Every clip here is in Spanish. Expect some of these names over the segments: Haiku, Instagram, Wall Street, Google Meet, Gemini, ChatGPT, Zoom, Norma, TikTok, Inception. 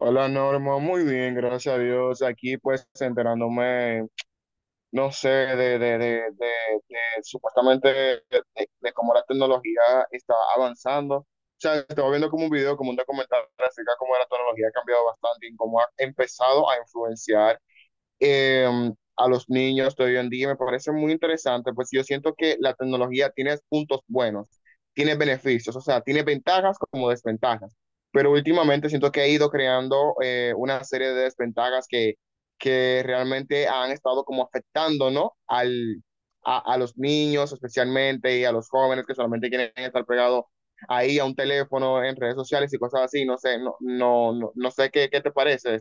Hola Norma, muy bien, gracias a Dios. Aquí pues enterándome, no sé, de, de supuestamente de cómo la tecnología está avanzando. O sea, estaba viendo como un video, como un documental acerca de cómo la tecnología ha cambiado bastante y cómo ha empezado a influenciar eh, a los niños de hoy en día. Me parece muy interesante, pues yo siento que la tecnología tiene puntos buenos, tiene beneficios, o sea, tiene ventajas como desventajas, pero últimamente siento que ha ido creando una serie de desventajas que realmente han estado como afectando, ¿no? A los niños especialmente y a los jóvenes que solamente quieren estar pegados ahí a un teléfono en redes sociales y cosas así, no sé, no, no, no, no sé qué te parece.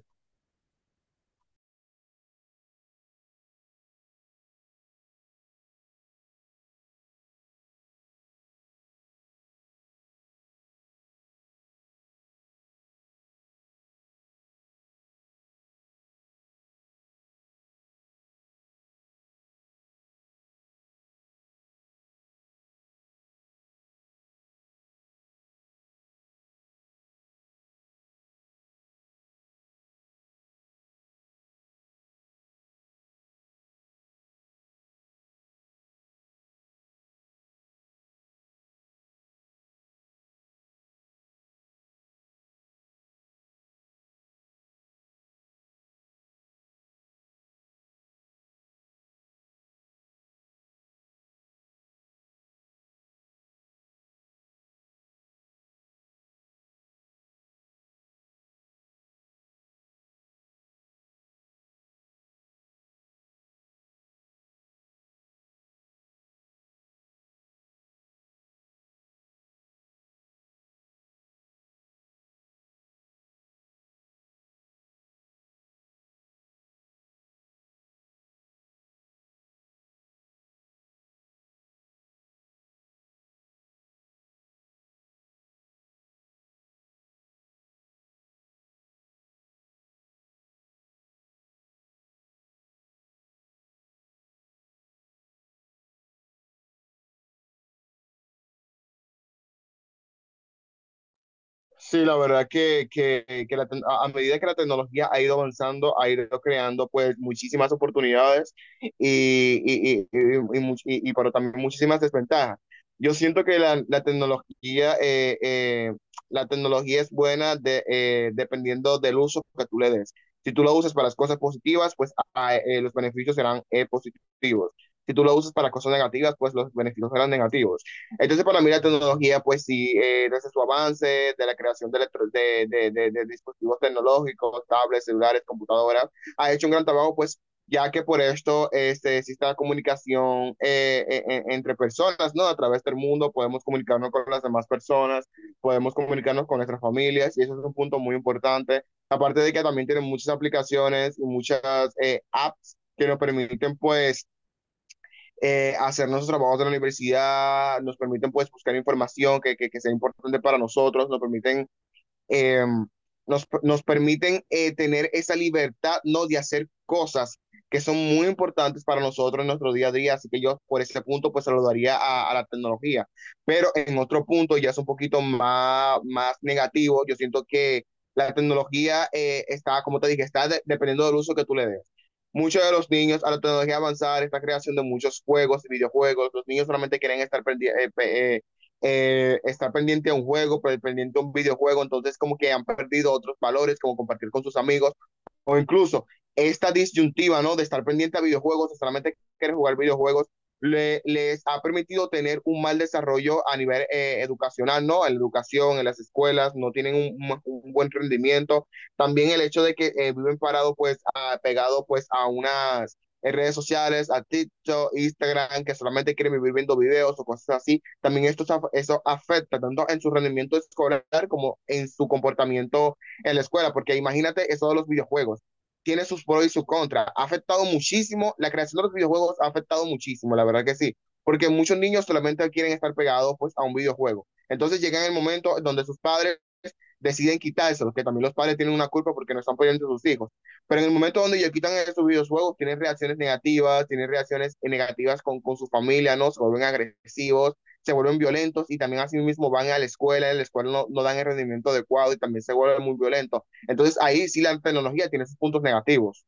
Sí, la verdad que a medida que la tecnología ha ido avanzando, ha ido creando pues muchísimas oportunidades y, pero también muchísimas desventajas. Yo siento que la tecnología es buena dependiendo del uso que tú le des. Si tú lo usas para las cosas positivas, pues los beneficios serán positivos. Si tú lo usas para cosas negativas, pues los beneficios serán negativos. Entonces, para mí la tecnología, pues sí, desde su avance, de la creación de, electro- de dispositivos tecnológicos, tablets, celulares, computadoras, ha hecho un gran trabajo, pues ya que por esto existe la comunicación entre personas, ¿no? A través del mundo podemos comunicarnos con las demás personas, podemos comunicarnos con nuestras familias, y eso es un punto muy importante. Aparte de que también tienen muchas aplicaciones y muchas apps que nos permiten, pues, hacer nuestros trabajos de la universidad, nos permiten pues buscar información que sea importante para nosotros, nos permiten eh, tener esa libertad, ¿no? De hacer cosas que son muy importantes para nosotros en nuestro día a día. Así que yo por ese punto pues se saludaría a la tecnología. Pero en otro punto ya es un poquito más negativo. Yo siento que la tecnología está, como te dije, está dependiendo del uso que tú le des. Muchos de los niños a la tecnología avanzada, esta creación de muchos juegos, videojuegos, los niños solamente quieren estar pendiente a un juego, pendiente a un videojuego, entonces como que han perdido otros valores, como compartir con sus amigos, o incluso esta disyuntiva, ¿no? De estar pendiente a videojuegos, o solamente querer jugar videojuegos, les ha permitido tener un mal desarrollo a nivel educacional, ¿no? En la educación, en las escuelas, no tienen un buen rendimiento. También el hecho de que viven parados, pues, pegados, pues, a unas redes sociales, a TikTok, Instagram, que solamente quieren vivir viendo videos o cosas así. También eso afecta tanto en su rendimiento escolar como en su comportamiento en la escuela, porque imagínate eso de los videojuegos tiene sus pros y sus contras. Ha afectado muchísimo, la creación de los videojuegos ha afectado muchísimo, la verdad que sí, porque muchos niños solamente quieren estar pegados pues a un videojuego. Entonces llega el momento donde sus padres deciden quitárselo, que también los padres tienen una culpa porque no están apoyando a sus hijos. Pero en el momento donde ellos quitan esos videojuegos, tienen reacciones negativas con su familia, ¿no? Se vuelven agresivos, se vuelven violentos y también así mismo van a la escuela, en la escuela no, no dan el rendimiento adecuado y también se vuelven muy violentos. Entonces ahí sí la tecnología tiene sus puntos negativos.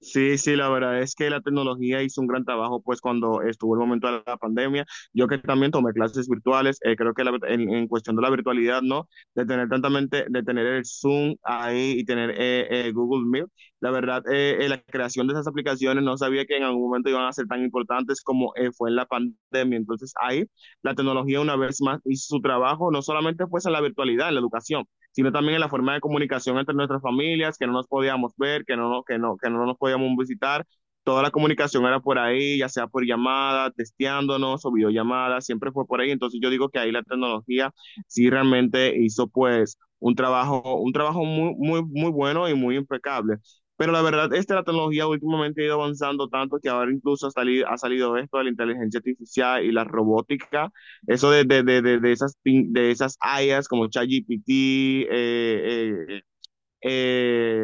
Sí, sí, la verdad es que la tecnología hizo un gran trabajo, pues cuando estuvo el momento de la pandemia, yo que también tomé clases virtuales, creo que en cuestión de la virtualidad, ¿no? De tener el Zoom ahí y tener Google Meet, la verdad, la creación de esas aplicaciones no sabía que en algún momento iban a ser tan importantes como fue en la pandemia, entonces ahí la tecnología una vez más hizo su trabajo, no solamente pues en la virtualidad, en la educación, sino también en la forma de comunicación entre nuestras familias, que no nos podíamos ver, que no nos podíamos visitar. Toda la comunicación era por ahí, ya sea por llamada, testeándonos o videollamadas, siempre fue por ahí. Entonces yo digo que ahí la tecnología sí realmente hizo pues un trabajo muy, muy, muy bueno y muy impecable. Pero la verdad esta la tecnología últimamente ha ido avanzando tanto que ahora incluso ha salido esto de la inteligencia artificial y la robótica, eso de esas IAs como ChatGPT, eh, eh, eh, eh,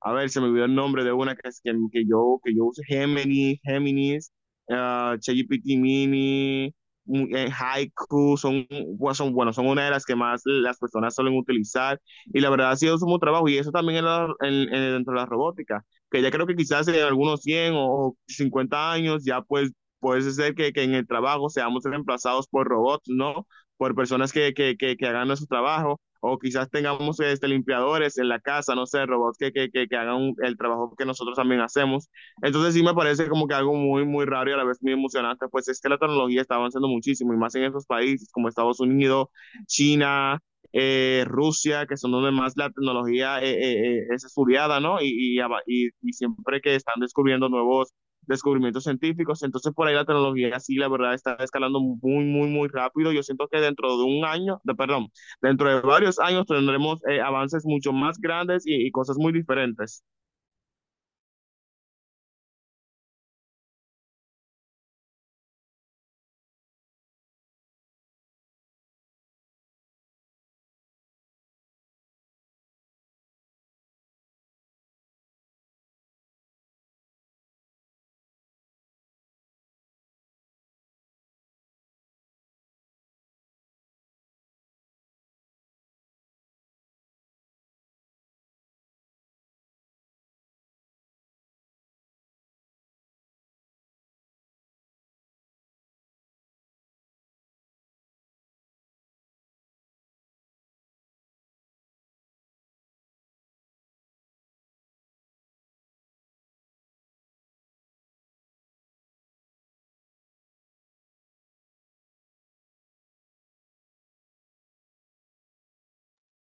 a ver, se me olvidó el nombre de una que, es- que yo uso, Gemini, Géminis, ChatGPT Mini, Haiku, bueno, son una de las que más las personas suelen utilizar. Y la verdad ha sido su trabajo y eso también en la- en- dentro de la robótica, que ya creo que quizás en algunos 100 o 50 años ya pues puede ser que en el trabajo seamos reemplazados por robots, ¿no? Por personas que hagan nuestro trabajo o quizás tengamos limpiadores en la casa, no sé, robots que hagan el trabajo que nosotros también hacemos. Entonces sí me parece como que algo muy, muy raro y a la vez muy emocionante, pues es que la tecnología está avanzando muchísimo y más en esos países como Estados Unidos, China, Rusia, que son donde más la tecnología es estudiada, ¿no? Y siempre que están descubriendo nuevos descubrimientos científicos, entonces por ahí la tecnología sí, la verdad, está escalando muy, muy, muy rápido. Yo siento que dentro de un año, perdón, dentro de varios años tendremos avances mucho más grandes y cosas muy diferentes.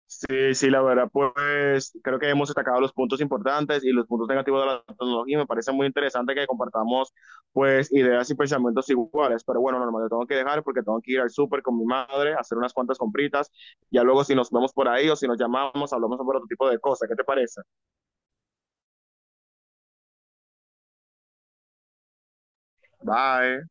Sí, sí, la verdad, pues creo que hemos destacado los puntos importantes y los puntos negativos de la tecnología. Y me parece muy interesante que compartamos pues ideas y pensamientos iguales. Pero bueno, normal, yo tengo que dejar porque tengo que ir al súper con mi madre, a hacer unas cuantas compritas. Ya luego si nos vemos por ahí o si nos llamamos, hablamos sobre otro tipo de cosas. ¿Qué te parece? Bye.